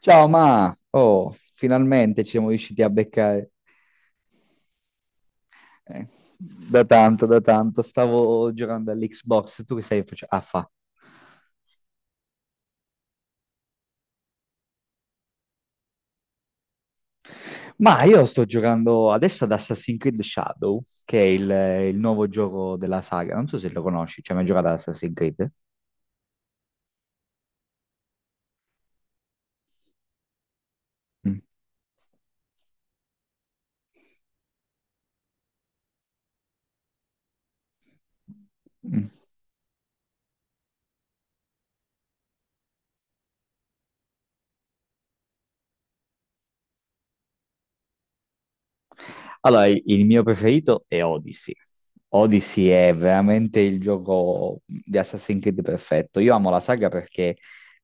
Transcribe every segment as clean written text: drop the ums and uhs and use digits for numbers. Ciao, ma oh, finalmente ci siamo riusciti a beccare. Eh, Da tanto, da tanto. Stavo giocando all'Xbox. Tu che stai facendo? Ah, fa. Ma io sto giocando adesso ad Assassin's Creed Shadow, che è il nuovo gioco della saga. Non so se lo conosci, cioè mai giocato ad Assassin's Creed? Mm. Mm. Allora, il mio preferito è Odyssey. Odyssey è veramente il gioco di Assassin's Creed perfetto. Io amo la saga perché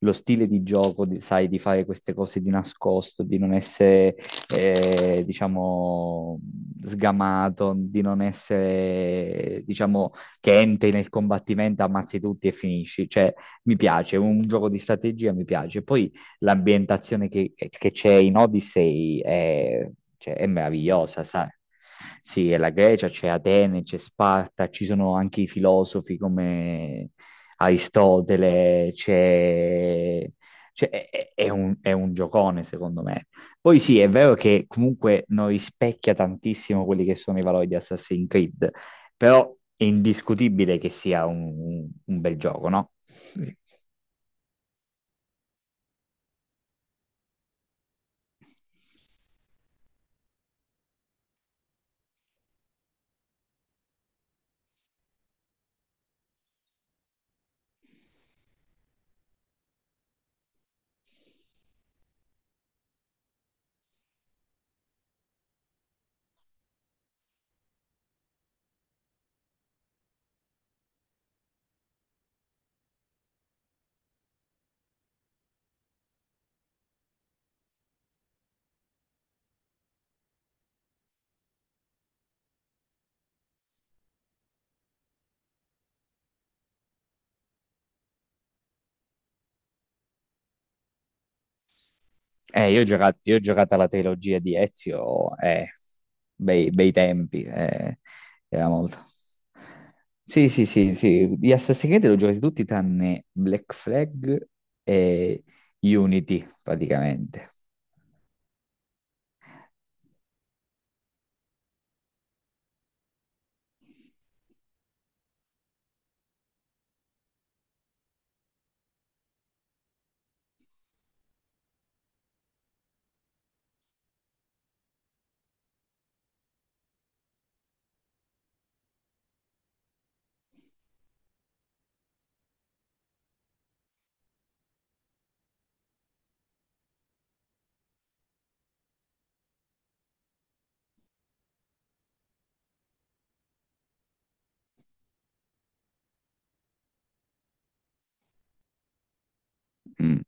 lo stile di gioco, sai, di fare queste cose di nascosto, di non essere, diciamo, sgamato, di non essere, diciamo, che entri nel combattimento, ammazzi tutti e finisci. Cioè, mi piace, è un gioco di strategia mi piace. Poi l'ambientazione che c'è in Odyssey è, cioè, è meravigliosa, sai? Sì, è la Grecia, c'è Atene, c'è Sparta, ci sono anche i filosofi come Aristotele, c'è... cioè, è un, è un giocone, secondo me. Poi sì, è vero che comunque non rispecchia tantissimo quelli che sono i valori di Assassin's Creed, però è indiscutibile che sia un bel gioco, no? Io ho giocato, io ho giocato alla trilogia di Ezio, bei, bei tempi, era molto. Sì, sì, sì, sì, gli Assassin's Creed l'ho giocati tutti tranne Black Flag e Unity, praticamente. Mm.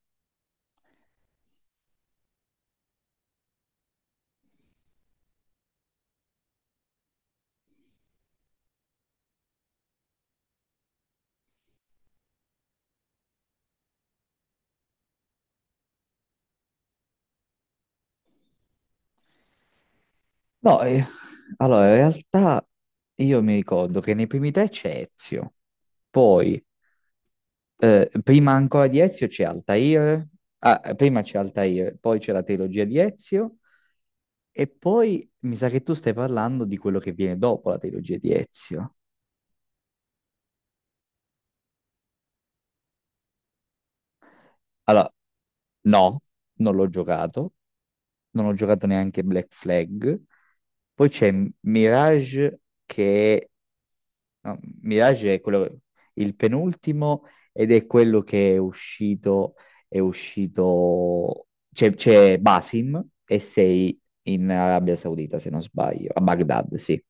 No, allora, in realtà io mi ricordo che nei primi tre c'è Ezio, poi prima ancora di Ezio c'è Altair, prima c'è Altair, poi c'è la trilogia di Ezio, e poi mi sa che tu stai parlando di quello che viene dopo la trilogia di Ezio. Allora, no, non l'ho giocato, non ho giocato neanche Black Flag. Poi c'è Mirage che no, Mirage è quello, il penultimo ed è quello che è uscito, c'è Basim e sei in Arabia Saudita, se non sbaglio, a Baghdad, sì.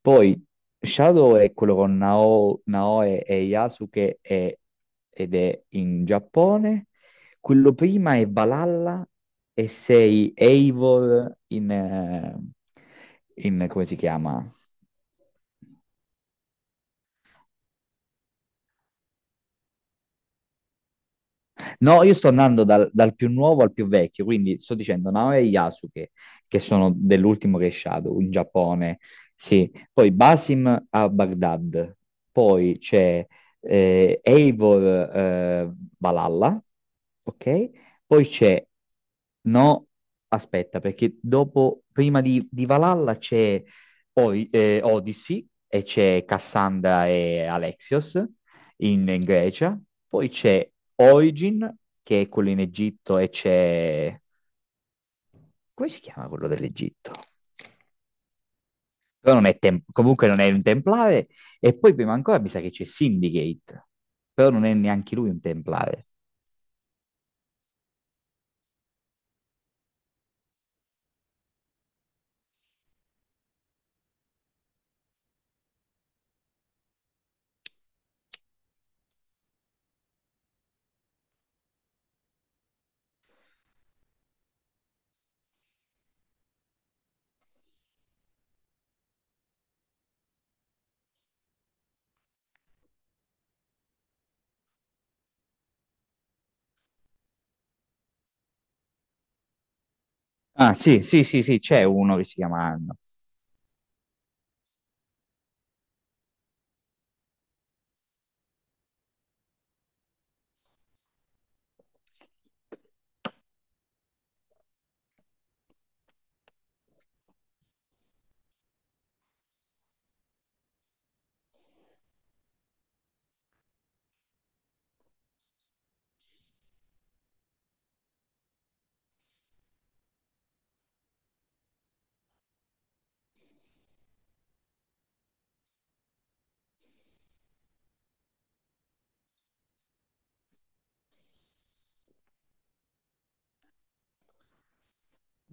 Poi Shadow è quello con Naoe e Yasuke ed è in Giappone. Quello prima è Valhalla e sei Eivor in, in come si chiama? No, io sto andando dal, dal più nuovo al più vecchio, quindi sto dicendo Naoya e Yasuke, che sono dell'ultimo che è Shadow in Giappone, sì. Poi Basim a Baghdad, poi c'è Eivor eh, Valhalla, ok? Poi c'è... No, aspetta, perché dopo, prima di Valhalla c'è Odyssey e c'è Cassandra e Alexios in, in Grecia, poi c'è Origin, che è quello in Egitto, e c'è... come si chiama quello dell'Egitto? Però non è comunque non è un templare, e poi prima ancora mi sa che c'è Syndicate, però non è neanche lui un templare. Ah, sì, sì, sì, sì, c'è uno che si chiama Anno.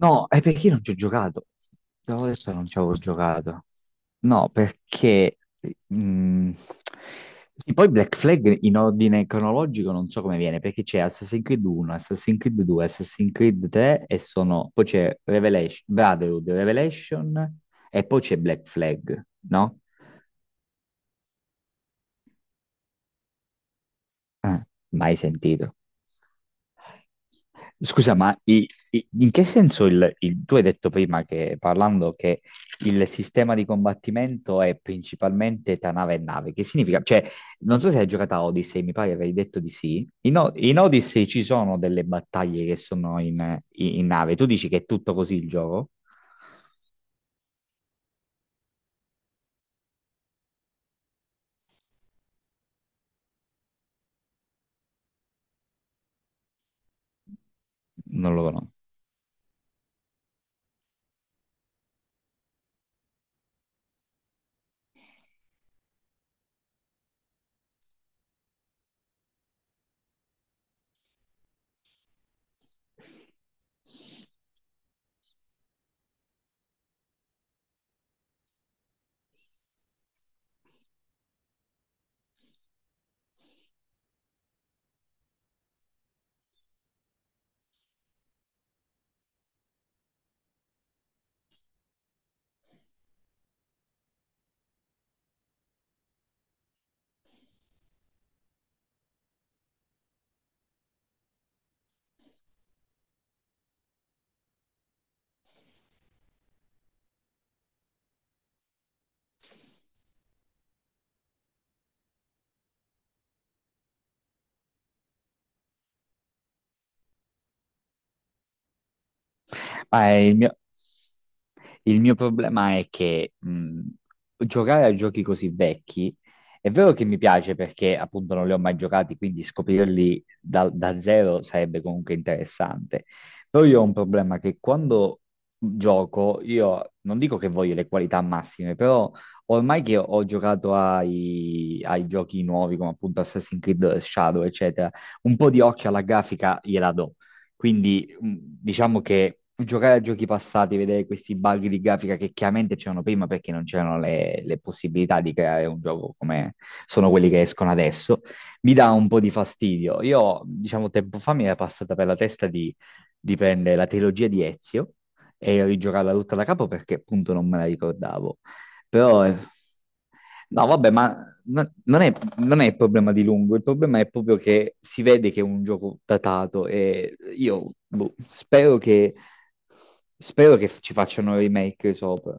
No, è perché io non ci ho giocato. Te l'avevo detto, non ci avevo giocato. No, perché... mm, sì, poi Black Flag in ordine cronologico non so come viene, perché c'è Assassin's Creed 1, Assassin's Creed 2, Assassin's Creed 3 e sono... Poi c'è Revelation, Brotherhood, Revelation e poi c'è Black Flag, no? Ah, mai sentito. Scusa, ma in che senso tu hai detto prima che parlando che il sistema di combattimento è principalmente tra nave e nave? Che significa? Cioè, non so se hai giocato a Odyssey, mi pare avevi detto di sì. In Odyssey ci sono delle battaglie che sono in, in nave. Tu dici che è tutto così il gioco? Non lo conosco. Ma il mio problema è che giocare a giochi così vecchi è vero che mi piace perché appunto non li ho mai giocati, quindi scoprirli da, da zero sarebbe comunque interessante. Però io ho un problema che quando gioco, io non dico che voglio le qualità massime, però ormai che ho giocato ai, ai giochi nuovi come appunto Assassin's Creed Shadow, eccetera, un po' di occhio alla grafica gliela do quindi diciamo che giocare a giochi passati, vedere questi bug di grafica che chiaramente c'erano prima perché non c'erano le possibilità di creare un gioco come sono quelli che escono adesso, mi dà un po' di fastidio. Io, diciamo, tempo fa mi era passata per la testa di prendere la trilogia di Ezio e rigiocarla tutta da capo perché appunto non me la ricordavo. Però... no, vabbè, ma non è, non è il problema di lungo, il problema è proprio che si vede che è un gioco datato e io boh, spero che ci facciano remake sopra.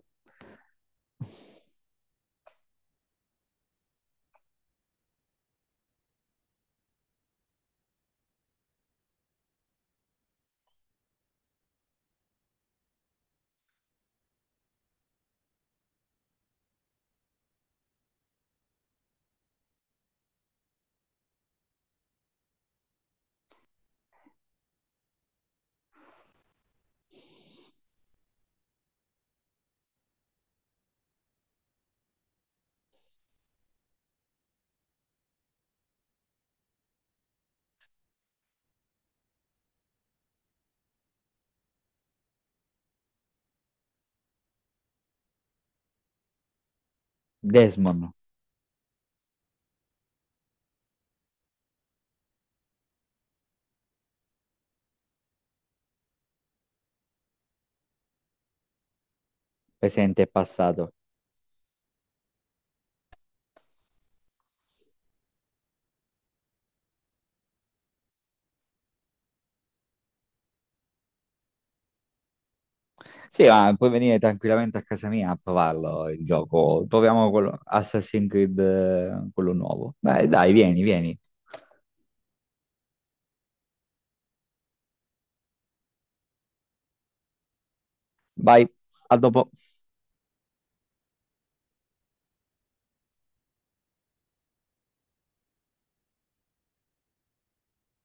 Desmond, presente e passato. Sì, ma puoi venire tranquillamente a casa mia a provarlo il gioco. Proviamo quello, Assassin's Creed, quello nuovo. Beh, dai, vieni, vieni. Vai, a dopo.